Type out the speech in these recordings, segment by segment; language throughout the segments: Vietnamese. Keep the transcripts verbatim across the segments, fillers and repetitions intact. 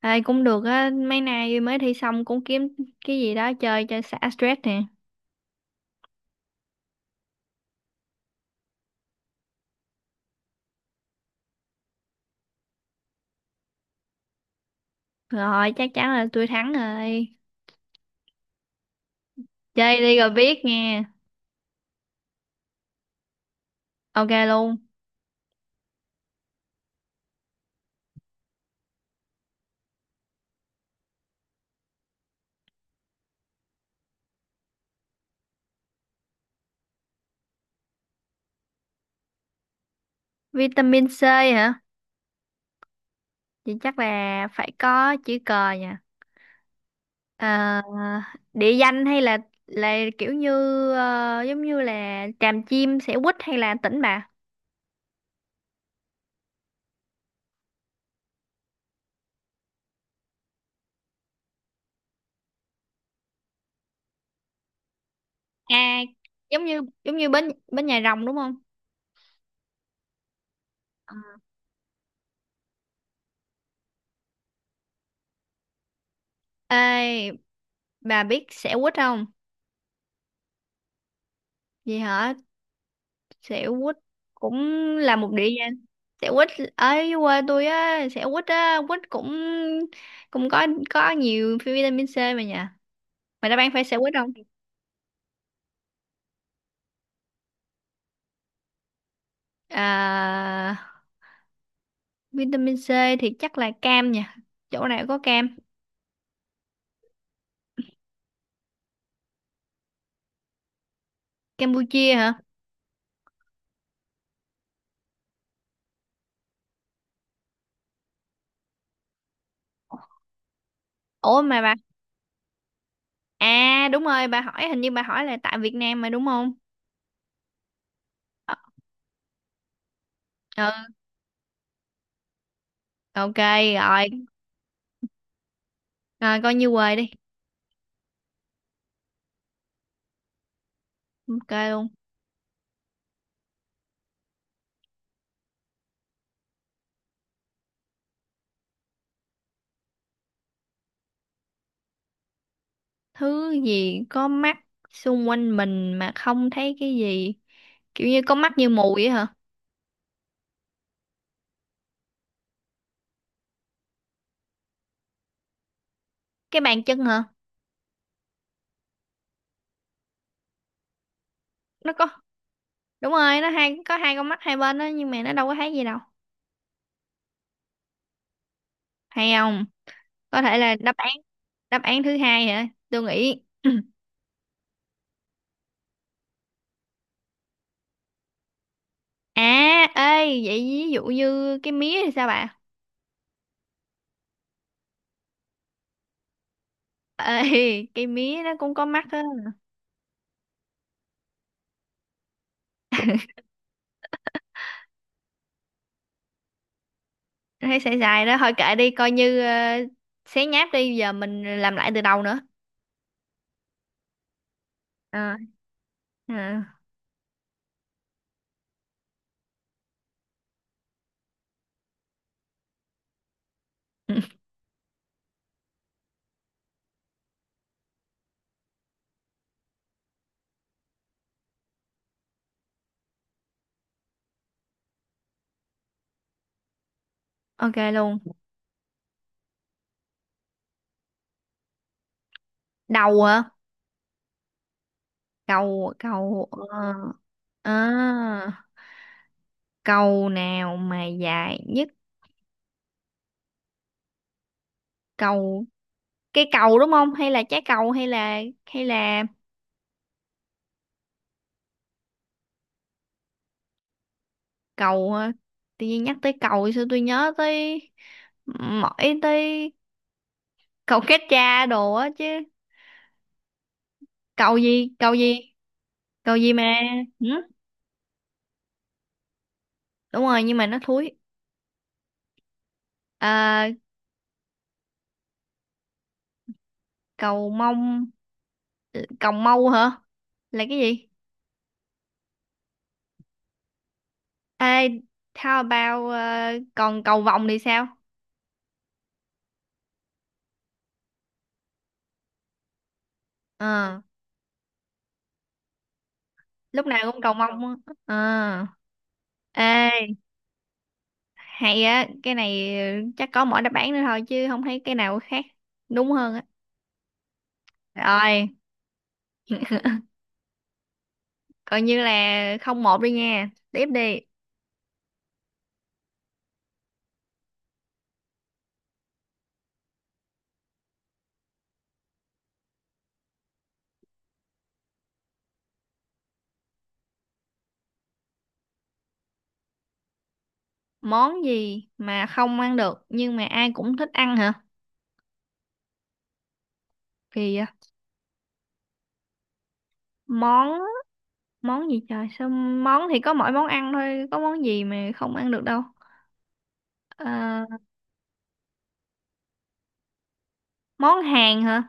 Ai cũng được á, mấy nay mới thi xong cũng kiếm cái gì đó chơi cho xả stress nè. Rồi, chắc chắn là tôi thắng rồi. Chơi đi rồi biết nghe. Ok luôn. Vitamin C hả? Thì chắc là phải có chữ cờ nha. Ờ, địa danh hay là là kiểu như, ờ, giống như là Tràm Chim, Xẻo Quýt hay là Tỉnh Bà? À, giống như giống như bến bến Nhà Rồng đúng không? Ờ. Ê, bà biết Xẻo Quýt không? Vậy hả? Xẻo quýt cũng là một địa danh. Xẻo quýt ở quê tôi á. Xẻo quýt á, quýt cũng cũng có có nhiều vitamin C mà nhỉ? Mày đã bán phải xẻo quýt không? À, vitamin C thì chắc là cam nha, chỗ này có cam. Campuchia hả? Ủa mà bà, à đúng rồi, bà hỏi hình như bà hỏi là tại Việt Nam mà đúng không? Ờ, ừ, ok. Rồi, rồi, coi như quê đi. Ok luôn. Thứ gì có mắt xung quanh mình mà không thấy cái gì? Kiểu như có mắt như mù vậy hả? Cái bàn chân hả? Nó có Đúng rồi, nó hai có hai con mắt hai bên đó nhưng mà nó đâu có thấy gì đâu. Hay không? Có thể là đáp án. Đáp án thứ hai hả? Tôi nghĩ à, ê, vậy ví dụ như cái mía thì sao bà? Ê, cái mía nó cũng có mắt á. Thấy xài xài đó thôi, kệ đi, coi như ờ, xé nháp đi, giờ mình làm lại từ đầu nữa. Ờ, ờ. Ok luôn. Cầu hả? Cầu cầu ờ, à, cầu nào mà dài nhất? Cầu, cái cầu đúng không? Hay là trái cầu, hay là hay là cầu, ờ, tự nhiên nhắc tới cầu thì sao tôi nhớ tới mỗi tới cầu kết cha đồ á chứ. Cầu gì? Cầu gì? Cầu gì mà? Ừ? Đúng rồi nhưng mà nó thúi. À, cầu mông, cầu mâu hả? Là cái gì? Ê, how about ờ, còn cầu vồng thì sao? Ờ, lúc nào cũng cầu mong á. À, ê hay á, cái này chắc có mỗi đáp án nữa thôi chứ không thấy cái nào khác đúng hơn á. Rồi, coi như là không một đi nha, tiếp đi. Món gì mà không ăn được nhưng mà ai cũng thích ăn hả? Kỳ vậy. Món món gì trời, sao món thì có mỗi món ăn thôi, có món gì mà không ăn được đâu? Ờ, món Hàn hả?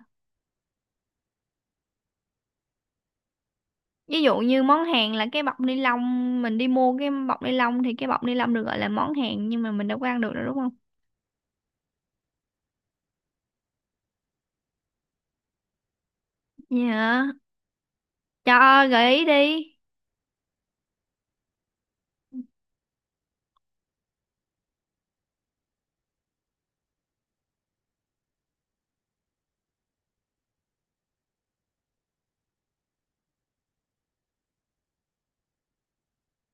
Ví dụ như món hàng là cái bọc ni lông, mình đi mua cái bọc ni lông thì cái bọc ni lông được gọi là món hàng nhưng mà mình đâu có ăn được đâu đúng không? Dạ. Cho gợi ý đi.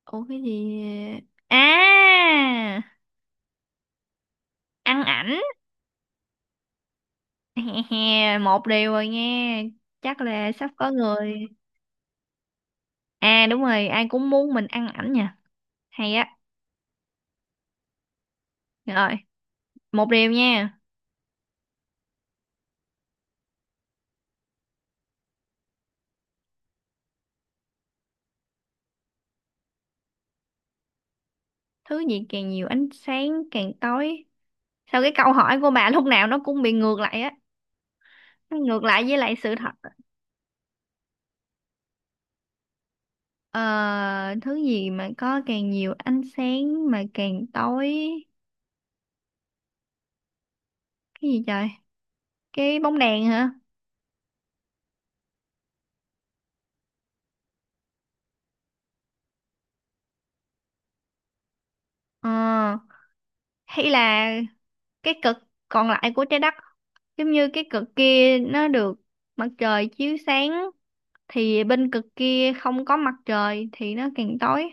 Ủa cái gì? À, ăn ảnh. Một điều rồi nha, chắc là sắp có người. À, đúng rồi, ai cũng muốn mình ăn ảnh nha. Hay á. Rồi, một điều nha. Thứ gì càng nhiều ánh sáng càng tối? Sao cái câu hỏi của bà lúc nào nó cũng bị ngược lại á, nó ngược lại với lại sự thật. Ờ, thứ gì mà có càng nhiều ánh sáng mà càng tối, cái gì trời? Cái bóng đèn hả? Ờ, hay là cái cực còn lại của trái đất, giống như cái cực kia nó được mặt trời chiếu sáng thì bên cực kia không có mặt trời thì nó càng tối.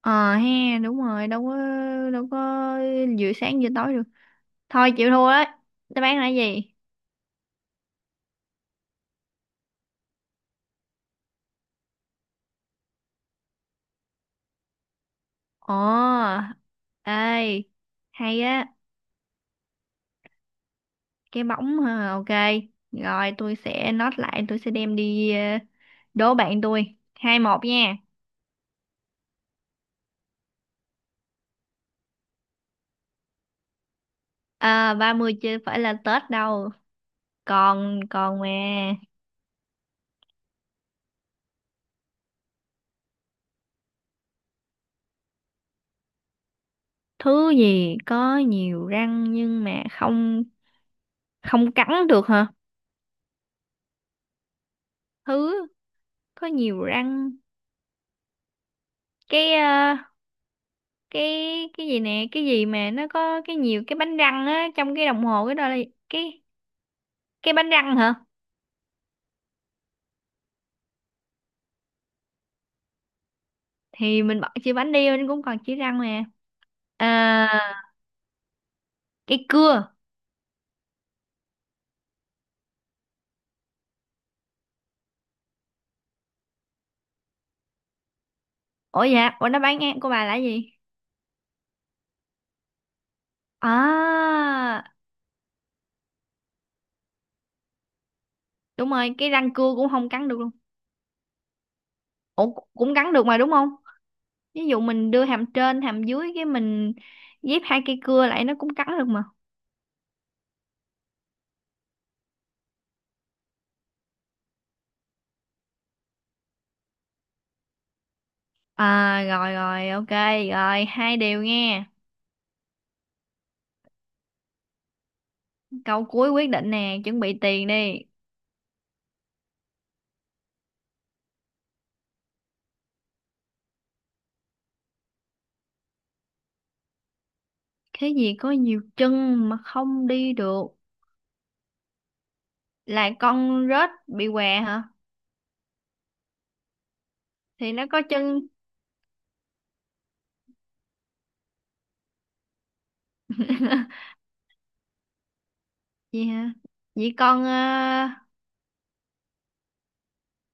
Ờ ha, đúng rồi, đâu có, đâu có vừa sáng vừa tối được. Thôi chịu thua đấy, đáp án là cái gì? Ồ, ê hay á, cái bóng ha, ok. Rồi, tôi sẽ note lại, tôi sẽ đem đi ờ, đố bạn tôi hai một nha. À, ba mươi chưa phải là Tết đâu, còn còn mà. Thứ gì có nhiều răng nhưng mà không không cắn được hả? Thứ có nhiều răng, cái ờ, cái cái gì nè, cái gì mà nó có cái nhiều cái bánh răng á trong cái đồng hồ, cái đó là cái cái bánh răng hả? Thì mình bỏ chữ bánh đi mình cũng còn chữ răng mà. À, cái cưa. Ủa dạ, ủa nó bán ngang của bà là gì? À, đúng rồi, cái răng cưa cũng không cắn được luôn. Ủa, cũng cắn được mà đúng không? Ví dụ mình đưa hàm trên, hàm dưới cái mình ghép hai cây cưa lại nó cũng cắn được mà. À, rồi, rồi, ok, rồi, hai điều nghe. Câu cuối quyết định nè, chuẩn bị tiền đi. Cái gì có nhiều chân mà không đi được? Là con rết bị què hả? Thì nó có chân gì hả? Vậy con, ờ,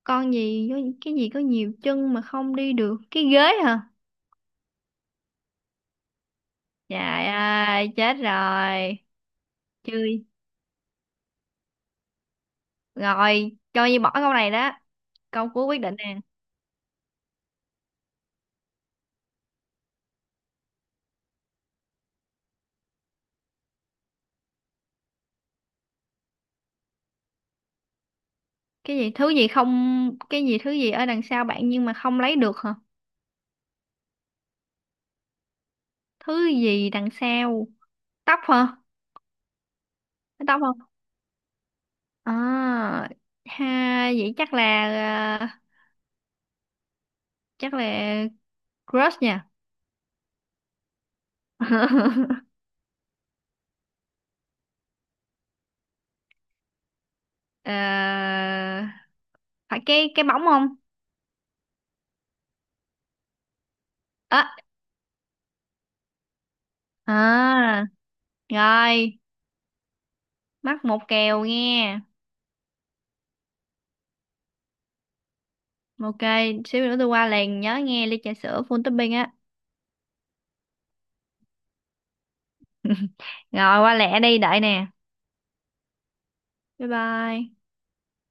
con gì có cái gì có nhiều chân mà không đi được, cái ghế hả? Trời ơi chết rồi. Chơi rồi, cho như bỏ câu này đó, câu cuối quyết định nè. Cái gì thứ gì không Cái gì thứ gì ở đằng sau bạn nhưng mà không lấy được hả? Thứ gì đằng sau? Tóc hả? Cái tóc không à ha, vậy chắc là, à, chắc là crush nha. Ờ, phải cái cái bóng không? À, à. Rồi, mắc một kèo nghe. Ok, xíu nữa tôi qua liền, nhớ nghe ly trà sữa full topping á. Rồi, qua lẹ đi, đợi nè. Bye bye.